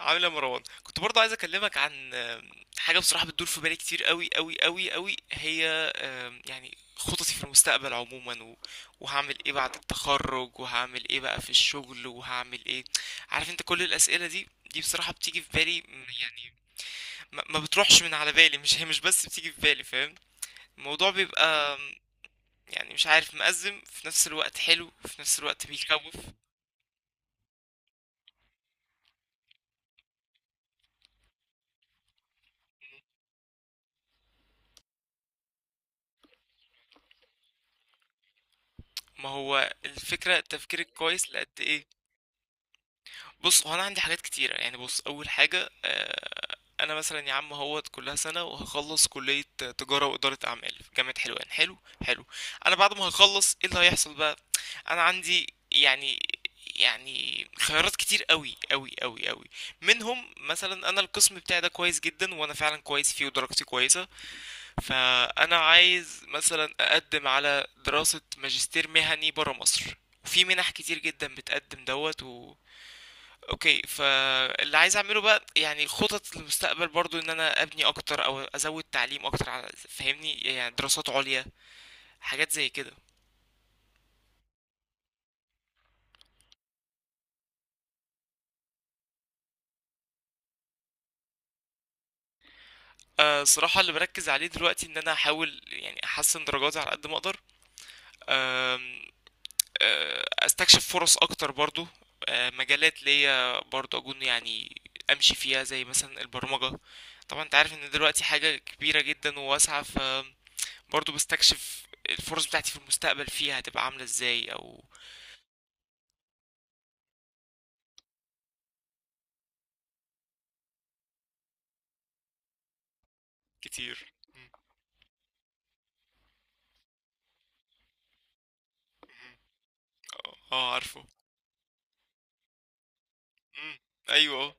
عامل ايه يا مروان؟ كنت برضه عايز اكلمك عن حاجه بصراحه بتدور في بالي كتير قوي قوي قوي قوي. هي يعني خططي في المستقبل عموما وهعمل ايه بعد التخرج، وهعمل ايه بقى في الشغل، وهعمل ايه. عارف انت كل الاسئله دي، دي بصراحه بتيجي في بالي يعني ما بتروحش من على بالي. مش هي مش بس بتيجي في بالي. فاهم الموضوع بيبقى يعني مش عارف، مأزم في نفس الوقت، حلو في نفس الوقت، بيخوف. ما هو الفكره التفكير الكويس لقد ايه؟ بص، هو انا عندي حاجات كتيره يعني. بص، اول حاجه انا مثلا يا عم اهوت كلها سنه وهخلص كليه تجاره واداره اعمال في جامعه حلوان. حلو. حلو. انا بعد ما هخلص ايه اللي هيحصل بقى؟ انا عندي يعني، يعني خيارات كتير قوي قوي قوي قوي. منهم مثلا انا القسم بتاعي ده كويس جدا وانا فعلا كويس فيه ودرجتي كويسه، فانا عايز مثلا اقدم على دراسه ماجستير مهني برا مصر. وفي منح كتير جدا بتقدم دوت. اوكي، فاللي عايز اعمله بقى يعني خطط للمستقبل برضو ان انا ابني اكتر او ازود تعليم اكتر، على فاهمني يعني دراسات عليا، حاجات زي كده. أه، صراحة اللي بركز عليه دلوقتي ان انا احاول يعني احسن درجاتي على قد ما اقدر. أم، استكشف فرص اكتر برضو. مجالات ليا برضو اكون يعني امشي فيها زي مثلا البرمجة. طبعا انت عارف ان دلوقتي حاجة كبيرة جدا وواسعة، برضو بستكشف الفرص بتاعتي في المستقبل فيها هتبقى عاملة ازاي او... كتير. مم. اه عارفه. مم. ايوه آه.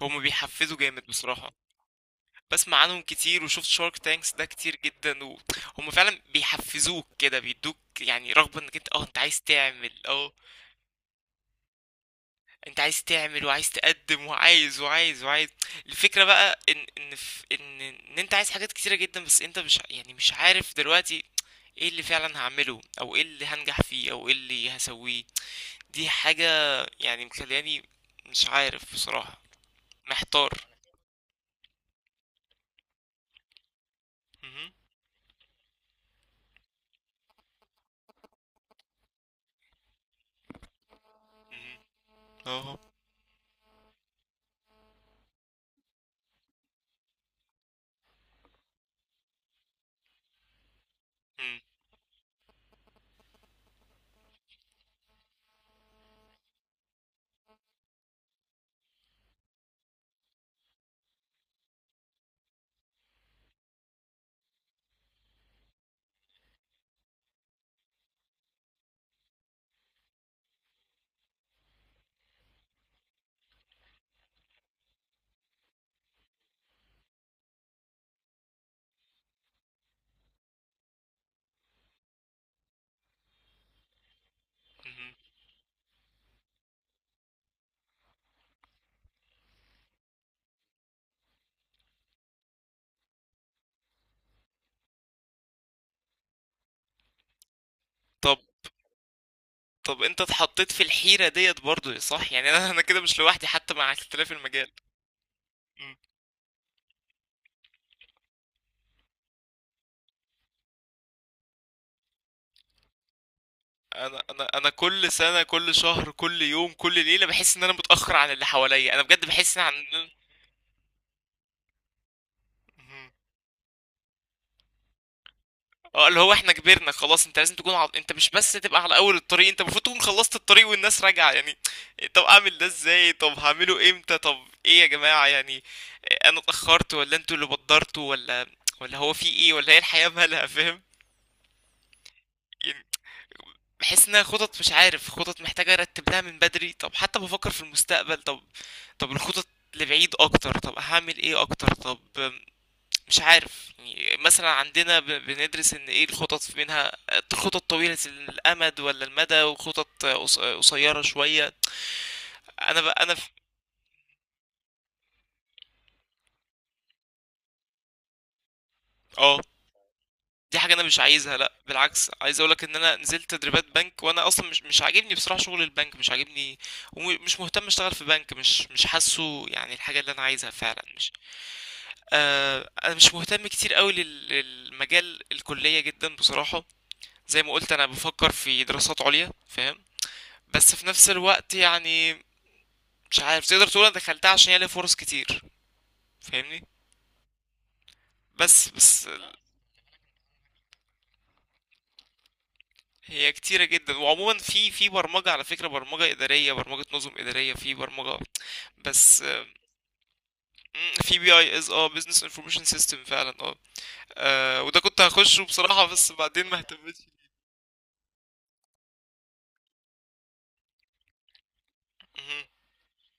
هما بيحفزوا جامد بصراحة. بسمع عنهم كتير وشفت شارك تانكس ده كتير جدا، وهم فعلا بيحفزوك كده، بيدوك يعني رغبة انك انت اه انت عايز تعمل اه. انت عايز تعمل وعايز تقدم وعايز وعايز وعايز. الفكرة بقى ان ان في ان انت عايز حاجات كتيرة جدا، بس انت مش يعني مش عارف دلوقتي ايه اللي فعلا هعمله او ايه اللي هنجح فيه او ايه اللي هسويه. دي حاجة يعني مخلياني مش عارف بصراحة، محتار. مهم. مهم. اه. مهم. مهم. طب، طب انت اتحطيت في الحيرة ديت برضو صح، يعني انا انا كده مش لوحدي حتى مع اختلاف المجال. مم. انا كل سنة كل شهر كل يوم كل ليلة بحس ان انا متأخر عن اللي حواليا. انا بجد بحس ان عن... مهم. اه، اللي هو احنا كبرنا خلاص. انت لازم تكون انت مش بس تبقى على اول الطريق، انت المفروض تكون خلصت الطريق والناس راجعه يعني. طب اعمل ده ازاي؟ طب هعمله امتى؟ طب ايه يا جماعه يعني؟ انا اتاخرت ولا انتوا اللي بدرتوا ولا ولا هو في ايه ولا هي الحياه مالها فاهم يعني. بحس انها خطط، مش عارف، خطط محتاجه ارتب لها من بدري. طب حتى بفكر في المستقبل، طب طب الخطط لبعيد اكتر، طب هعمل ايه اكتر؟ طب مش عارف يعني. مثلا عندنا بندرس ان ايه الخطط منها، خطط طويلة الامد ولا المدى وخطط قصيرة شوية. انا بقى انا في... اه، دي حاجة انا مش عايزها. لا بالعكس، عايز اقولك ان انا نزلت تدريبات بنك وانا اصلا مش مش عاجبني بصراحة شغل البنك مش عاجبني، ومش مهتم اشتغل في بنك. مش مش حاسه يعني الحاجة اللي انا عايزها فعلا مش... آه، انا مش مهتم كتير قوي للمجال الكلية جدا بصراحة. زي ما قلت انا بفكر في دراسات عليا فاهم. بس في نفس الوقت يعني مش عارف، تقدر تقول انا دخلتها عشان هي ليها فرص كتير. فاهمني. بس بس هي كتيرة جدا. وعموما في في برمجة، على فكرة برمجة إدارية، برمجة نظم إدارية، في برمجة. بس مم، في بي اي اس، اه بزنس انفورميشن سيستم فعلا. اه وده كنت هخشه بصراحة بس بعدين ما اهتمتش.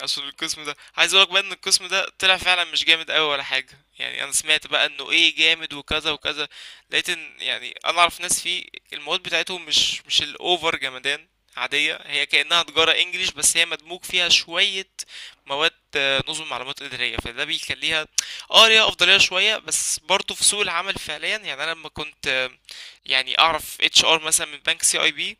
عشان القسم ده، عايز اقولك بقى ان القسم ده طلع فعلا مش جامد قوي ولا حاجه. يعني انا سمعت بقى انه ايه، جامد وكذا وكذا، لقيت ان يعني انا اعرف ناس فيه المواد بتاعتهم مش مش الاوفر جمدان. عاديه، هي كانها تجاره انجليش بس هي مدموج فيها شويه مواد نظم معلومات اداريه، فده بيخليها اه ليها افضليه شويه. بس برضه في سوق العمل فعليا، يعني انا لما كنت يعني اعرف اتش ار مثلا من بنك سي اي بي،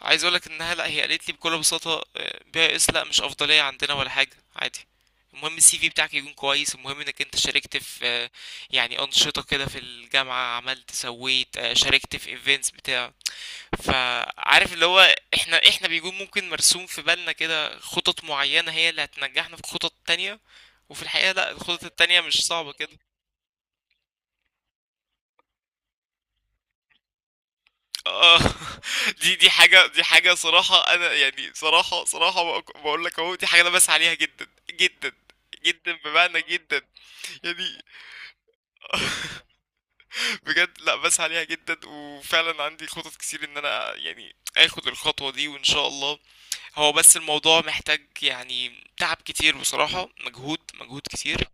عايز اقولك انها لا، هي قالت لي بكل بساطه بي اس، لا مش افضليه عندنا ولا حاجه، عادي. المهم السي في بتاعك يكون كويس. المهم انك انت شاركت في يعني انشطه كده في الجامعه، عملت سويت شاركت في ايفنتس بتاع. فعارف اللي هو احنا احنا بيكون ممكن مرسوم في بالنا كده خطط معينه هي اللي هتنجحنا في خطط تانية. وفي الحقيقه لا، الخطط التانية مش صعبه كده. آه دي حاجة، دي حاجة صراحة. أنا يعني صراحة صراحة بقول لك أهو، دي حاجة أنا بسعى عليها جدا جدا جدا، بمعنى جدا يعني. بجد لا بسعى عليها جدا، وفعلا عندي خطط كتير إن أنا يعني آخد الخطوة دي، وإن شاء الله. هو بس الموضوع محتاج يعني تعب كتير بصراحة، مجهود مجهود كتير.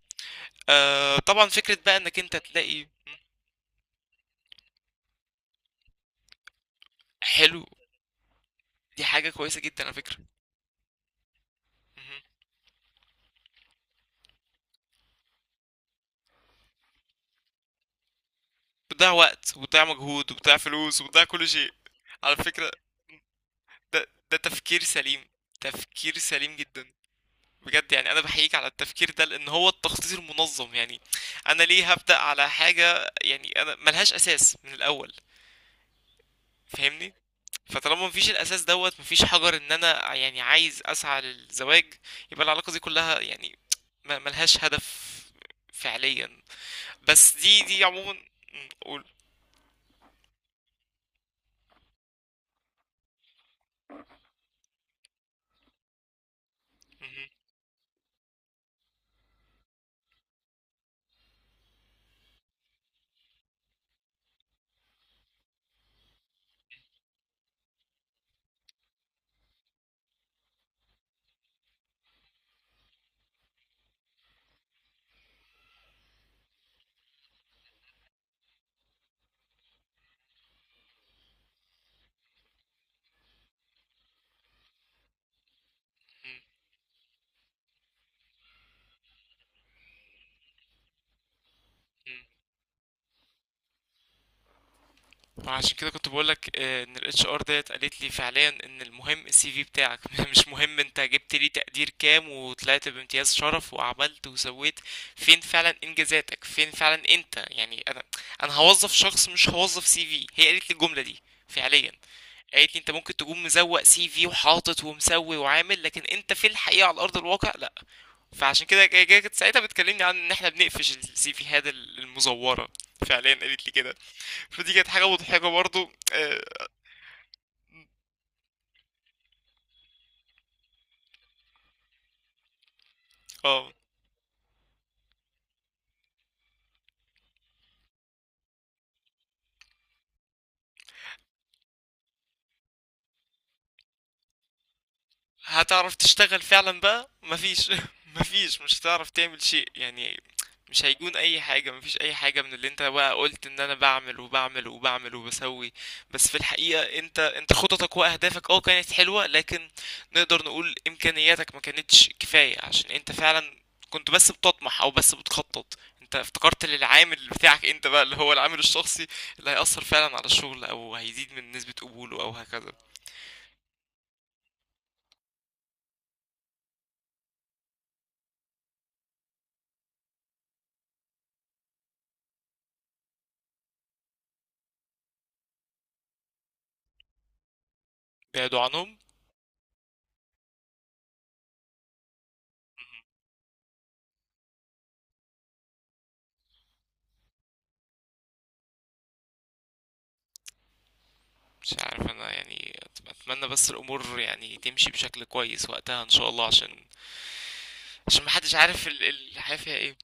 آه طبعا. فكرة بقى إنك أنت تلاقي... حلو، دي حاجة كويسة جدا على فكرة. مهم. بتضيع وقت وبتضيع مجهود وبتضيع فلوس وبتضيع كل شيء. على فكرة، ده ده تفكير سليم، تفكير سليم جدا بجد. يعني انا بحييك على التفكير ده، لان هو التخطيط المنظم يعني. انا ليه هبدأ على حاجة يعني انا ملهاش اساس من الاول؟ فاهمني. فطالما مفيش الاساس دوت، مفيش حجر ان انا يعني عايز اسعى للزواج، يبقى العلاقة دي كلها يعني ما- ملهاش هدف فعليا. بس دي دي عموما. م، قول. مهم. مم، عشان كده كنت بقولك ان الاتش ار ديت قالت لي فعليا ان المهم السي في بتاعك مش مهم انت جبت لي تقدير كام وطلعت بامتياز شرف وعملت وسويت. فين فعلا انجازاتك؟ فين فعلا انت يعني؟ انا انا هوظف شخص مش هوظف سي في، هي قالت لي الجملة دي فعليا. قالت لي انت ممكن تكون مزوق سي في وحاطط ومسوي وعامل، لكن انت في الحقيقة على ارض الواقع لا. فعشان كده كانت ساعتها بتكلمني عن ان احنا بنقفش السي فيهات المزورة، فعليا قالت لي كده. فدي كانت حاجة مضحكة برضو اه. آه. هتعرف تشتغل فعلا بقى مفيش مفيش، مش هتعرف تعمل شيء يعني. مش هيكون اي حاجة، مفيش اي حاجة من اللي انت بقى قلت ان انا بعمل وبعمل وبعمل وبسوي. بس في الحقيقة انت انت خططك واهدافك اه كانت حلوة، لكن نقدر نقول امكانياتك ما كانتش كفاية. عشان انت فعلا كنت بس بتطمح او بس بتخطط. انت افتكرت للعامل بتاعك انت بقى اللي هو العامل الشخصي اللي هيأثر فعلا على الشغل او هيزيد من نسبة قبوله او هكذا. بعدوا عنهم. مش عارف انا يعني اتمنى بس الامور يعني تمشي بشكل كويس وقتها ان شاء الله. عشان عشان محدش عارف الحياة فيها ايه.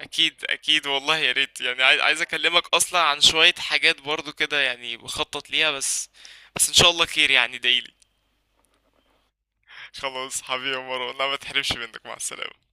اكيد اكيد والله. يا ريت يعني، عايز عايز اكلمك اصلا عن شوية حاجات برضو كده يعني بخطط ليها بس. بس ان شاء الله خير يعني دايلي. خلاص حبيبي يا مروان، لا، ما تحرمش منك، مع السلامة.